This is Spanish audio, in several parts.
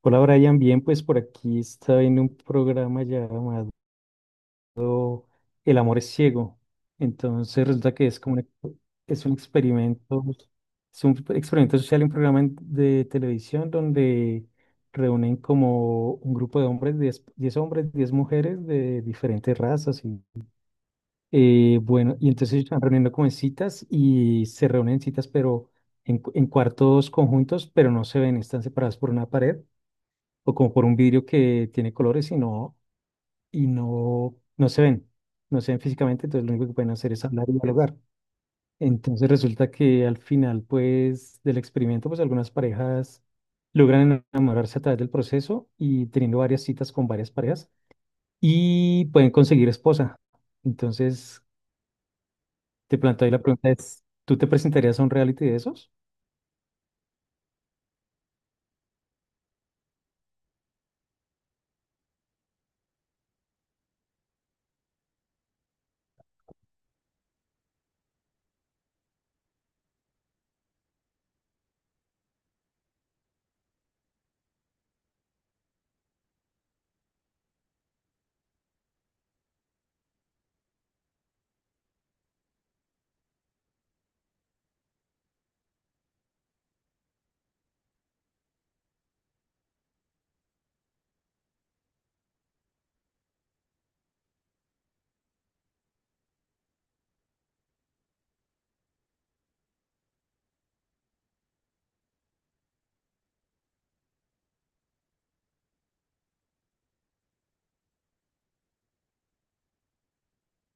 Hola Brian, bien, pues por aquí está viendo un programa llamado El amor es ciego. Entonces resulta que es un experimento, es un experimento social, un programa de televisión donde reúnen como un grupo de hombres, 10 10 hombres, 10 mujeres de diferentes razas. Y, bueno, y entonces ellos están reuniendo como en citas y se reúnen en citas, pero en cuartos conjuntos, pero no se ven, están separados por una pared o como por un vidrio que tiene colores, sino y no, no se ven, no se ven físicamente. Entonces lo único que pueden hacer es hablar y dialogar. Entonces resulta que al final, pues, del experimento, pues algunas parejas logran enamorarse a través del proceso y teniendo varias citas con varias parejas y pueden conseguir esposa. Entonces, te planteo ahí la pregunta es, ¿tú te presentarías a un reality de esos?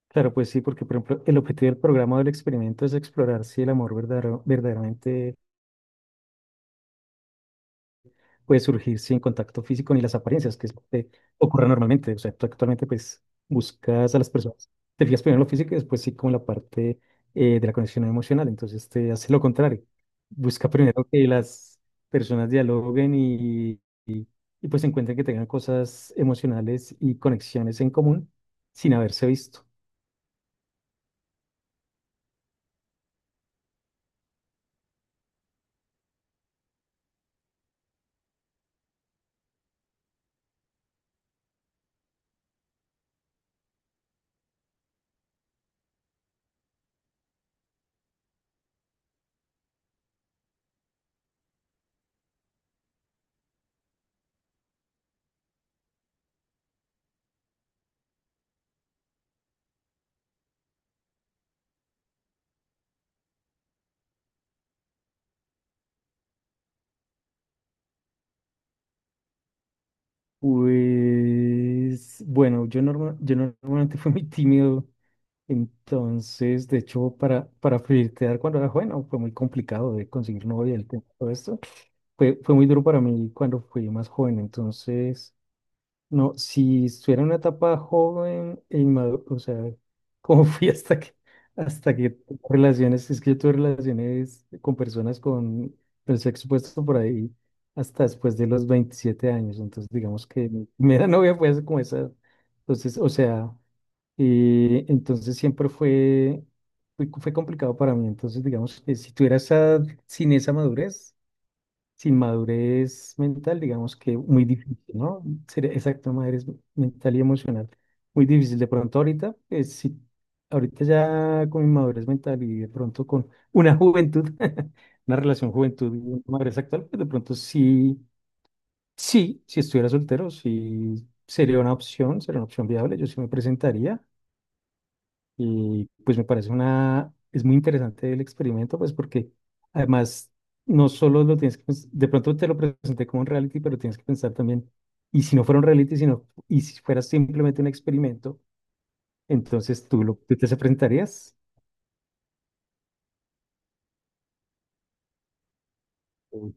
Claro, pues sí, porque por ejemplo, el objetivo del programa o del experimento es explorar si el amor verdaderamente puede surgir sin contacto físico ni las apariencias, que es lo que ocurre normalmente. O sea, tú actualmente pues buscas a las personas, te fijas primero en lo físico y después sí con la parte de la conexión emocional. Entonces te hace lo contrario. Busca primero que las personas dialoguen y, pues encuentren que tengan cosas emocionales y conexiones en común sin haberse visto. Pues bueno, yo normalmente fui muy tímido. Entonces, de hecho, para flirtear cuando era joven, no, fue muy complicado de conseguir novia, el tema, todo esto. Fue muy duro para mí cuando fui más joven. Entonces, no, si estuviera en una etapa joven e inmaduro, o sea, como fui hasta que tuve relaciones, es que yo tuve relaciones con personas con el sexo puesto por ahí hasta después de los 27 años. Entonces, digamos que mi primera novia fue hace como esa. Entonces, o sea. Entonces siempre fue, fue complicado para mí. Entonces, digamos que si tuviera esa, sin esa madurez, sin madurez mental, digamos que muy difícil, ¿no? Sería exacto, madurez mental y emocional. Muy difícil. De pronto ahorita, pues, si, ahorita ya con mi madurez mental y de pronto con una juventud, una relación juventud y una madurez actual, pues de pronto sí, sí, si estuviera soltero, sí sería una opción viable, yo sí me presentaría. Y pues me parece es muy interesante el experimento, pues porque además no solo lo tienes que de pronto te lo presenté como un reality, pero tienes que pensar también, y si no fuera un reality, sino, y si fuera simplemente un experimento, entonces tú te presentarías. Uy.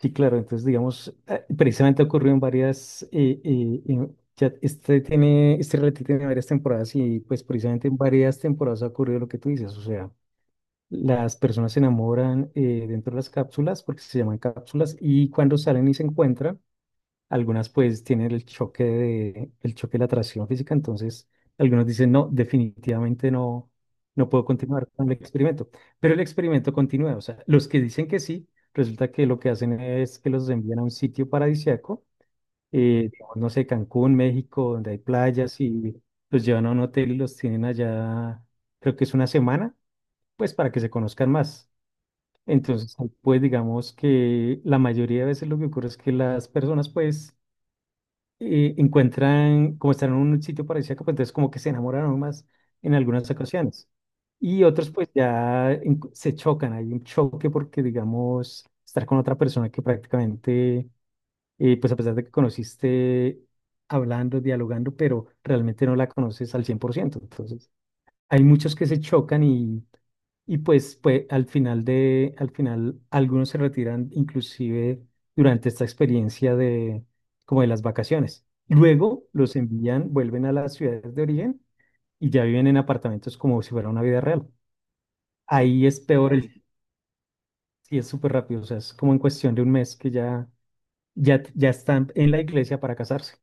Sí, claro, entonces digamos, precisamente ocurrió en varias, ya este reality tiene varias temporadas y pues precisamente en varias temporadas ha ocurrido lo que tú dices, o sea. Las personas se enamoran dentro de las cápsulas porque se llaman cápsulas, y cuando salen y se encuentran, algunas pues tienen el choque de, la atracción física. Entonces algunos dicen, no, definitivamente no, no puedo continuar con el experimento. Pero el experimento continúa, o sea, los que dicen que sí, resulta que lo que hacen es que los envían a un sitio paradisíaco, digamos, no sé, Cancún, México, donde hay playas y los llevan a un hotel y los tienen allá, creo que es una semana, pues para que se conozcan más. Entonces, pues digamos que la mayoría de veces lo que ocurre es que las personas pues encuentran, como están en un sitio paradisíaco, pues entonces como que se enamoraron más en algunas ocasiones. Y otros pues ya se chocan, hay un choque porque digamos estar con otra persona que prácticamente, pues a pesar de que conociste hablando, dialogando, pero realmente no la conoces al 100%. Entonces, hay muchos que se chocan y pues, pues al final algunos se retiran inclusive durante esta experiencia de como de las vacaciones. Luego los envían, vuelven a las ciudades de origen y ya viven en apartamentos como si fuera una vida real. Ahí es peor el, Sí, es súper rápido, o sea, es como en cuestión de un mes que ya, ya, ya están en la iglesia para casarse.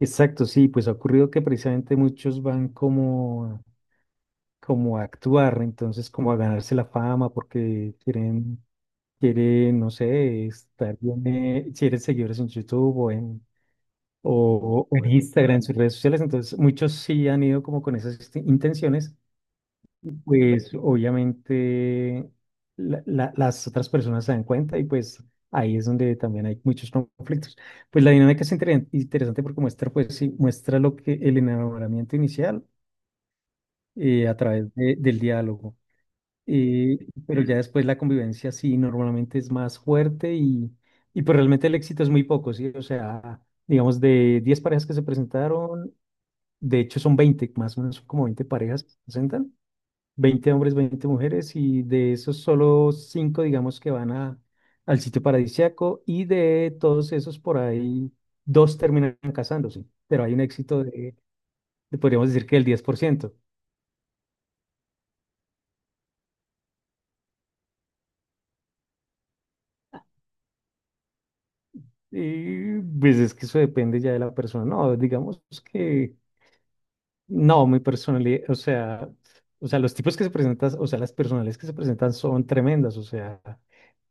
Exacto, sí, pues ha ocurrido que precisamente muchos van como como a actuar, entonces como a ganarse la fama porque quieren, no sé, estar bien, quieren seguidores en YouTube o en Instagram, en sus redes sociales. Entonces muchos sí han ido como con esas intenciones, y pues obviamente las otras personas se dan cuenta y pues ahí es donde también hay muchos conflictos. Pues la dinámica es interesante porque muestra, pues sí, muestra lo que el enamoramiento inicial a través del diálogo. Eh, pero ya después la convivencia sí normalmente es más fuerte y pues realmente el éxito es muy poco, ¿sí? O sea, digamos de 10 parejas que se presentaron, de hecho son 20, más o menos son como 20 parejas que se presentan, 20 hombres, 20 mujeres, y de esos solo 5 digamos que van al sitio paradisíaco, y de todos esos por ahí dos terminan casándose, pero hay un éxito de podríamos decir que el 10%. Y pues es que eso depende ya de la persona. No, digamos que no, mi personalidad, o sea, los tipos que se presentan, o sea, las personalidades que se presentan son tremendas, o sea,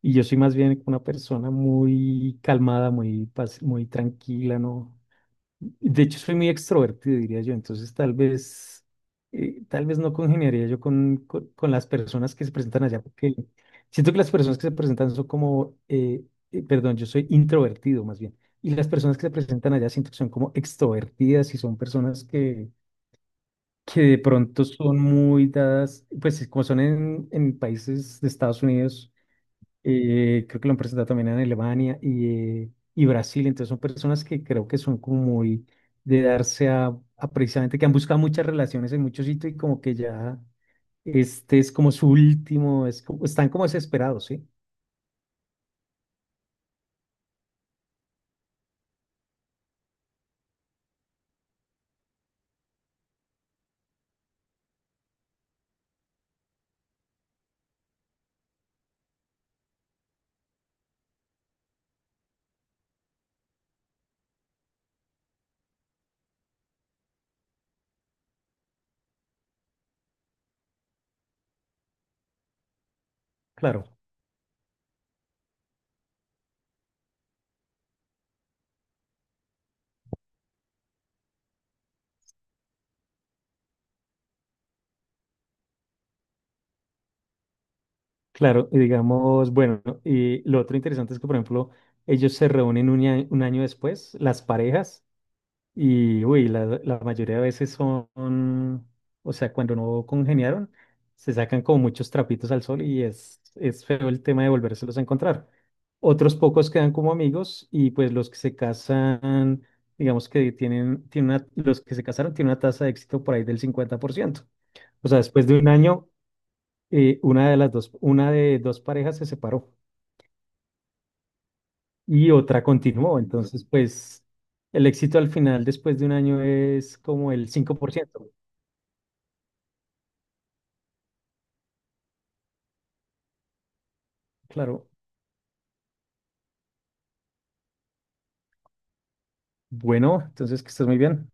y yo soy más bien una persona muy calmada, muy tranquila, ¿no? De hecho, soy muy extrovertido, diría yo. Entonces, tal vez no congeniaría yo con, las personas que se presentan allá, porque siento que las personas que se presentan son como, perdón, yo soy introvertido más bien. Y las personas que se presentan allá siento que son como extrovertidas y son personas que, de pronto son muy dadas, pues como son en países de Estados Unidos, creo que lo han presentado también en Alemania y Brasil. Entonces son personas que creo que son como muy de darse a precisamente que han buscado muchas relaciones en muchos sitios y como que ya este es como su último, es como- están como desesperados, ¿sí? Claro, claro. Y digamos, bueno, y lo otro interesante es que, por ejemplo, ellos se reúnen un año después, las parejas. Y, uy, la mayoría de veces son, o sea, cuando no congeniaron, se sacan como muchos trapitos al sol y es feo el tema de volvérselos a encontrar. Otros pocos quedan como amigos y pues los que se casan, digamos que los que se casaron tienen una tasa de éxito por ahí del 50%. O sea, después de un año, una de dos parejas se separó y otra continuó. Entonces, pues el éxito al final después de un año es como el 5%. Claro. Bueno, entonces que estés muy bien.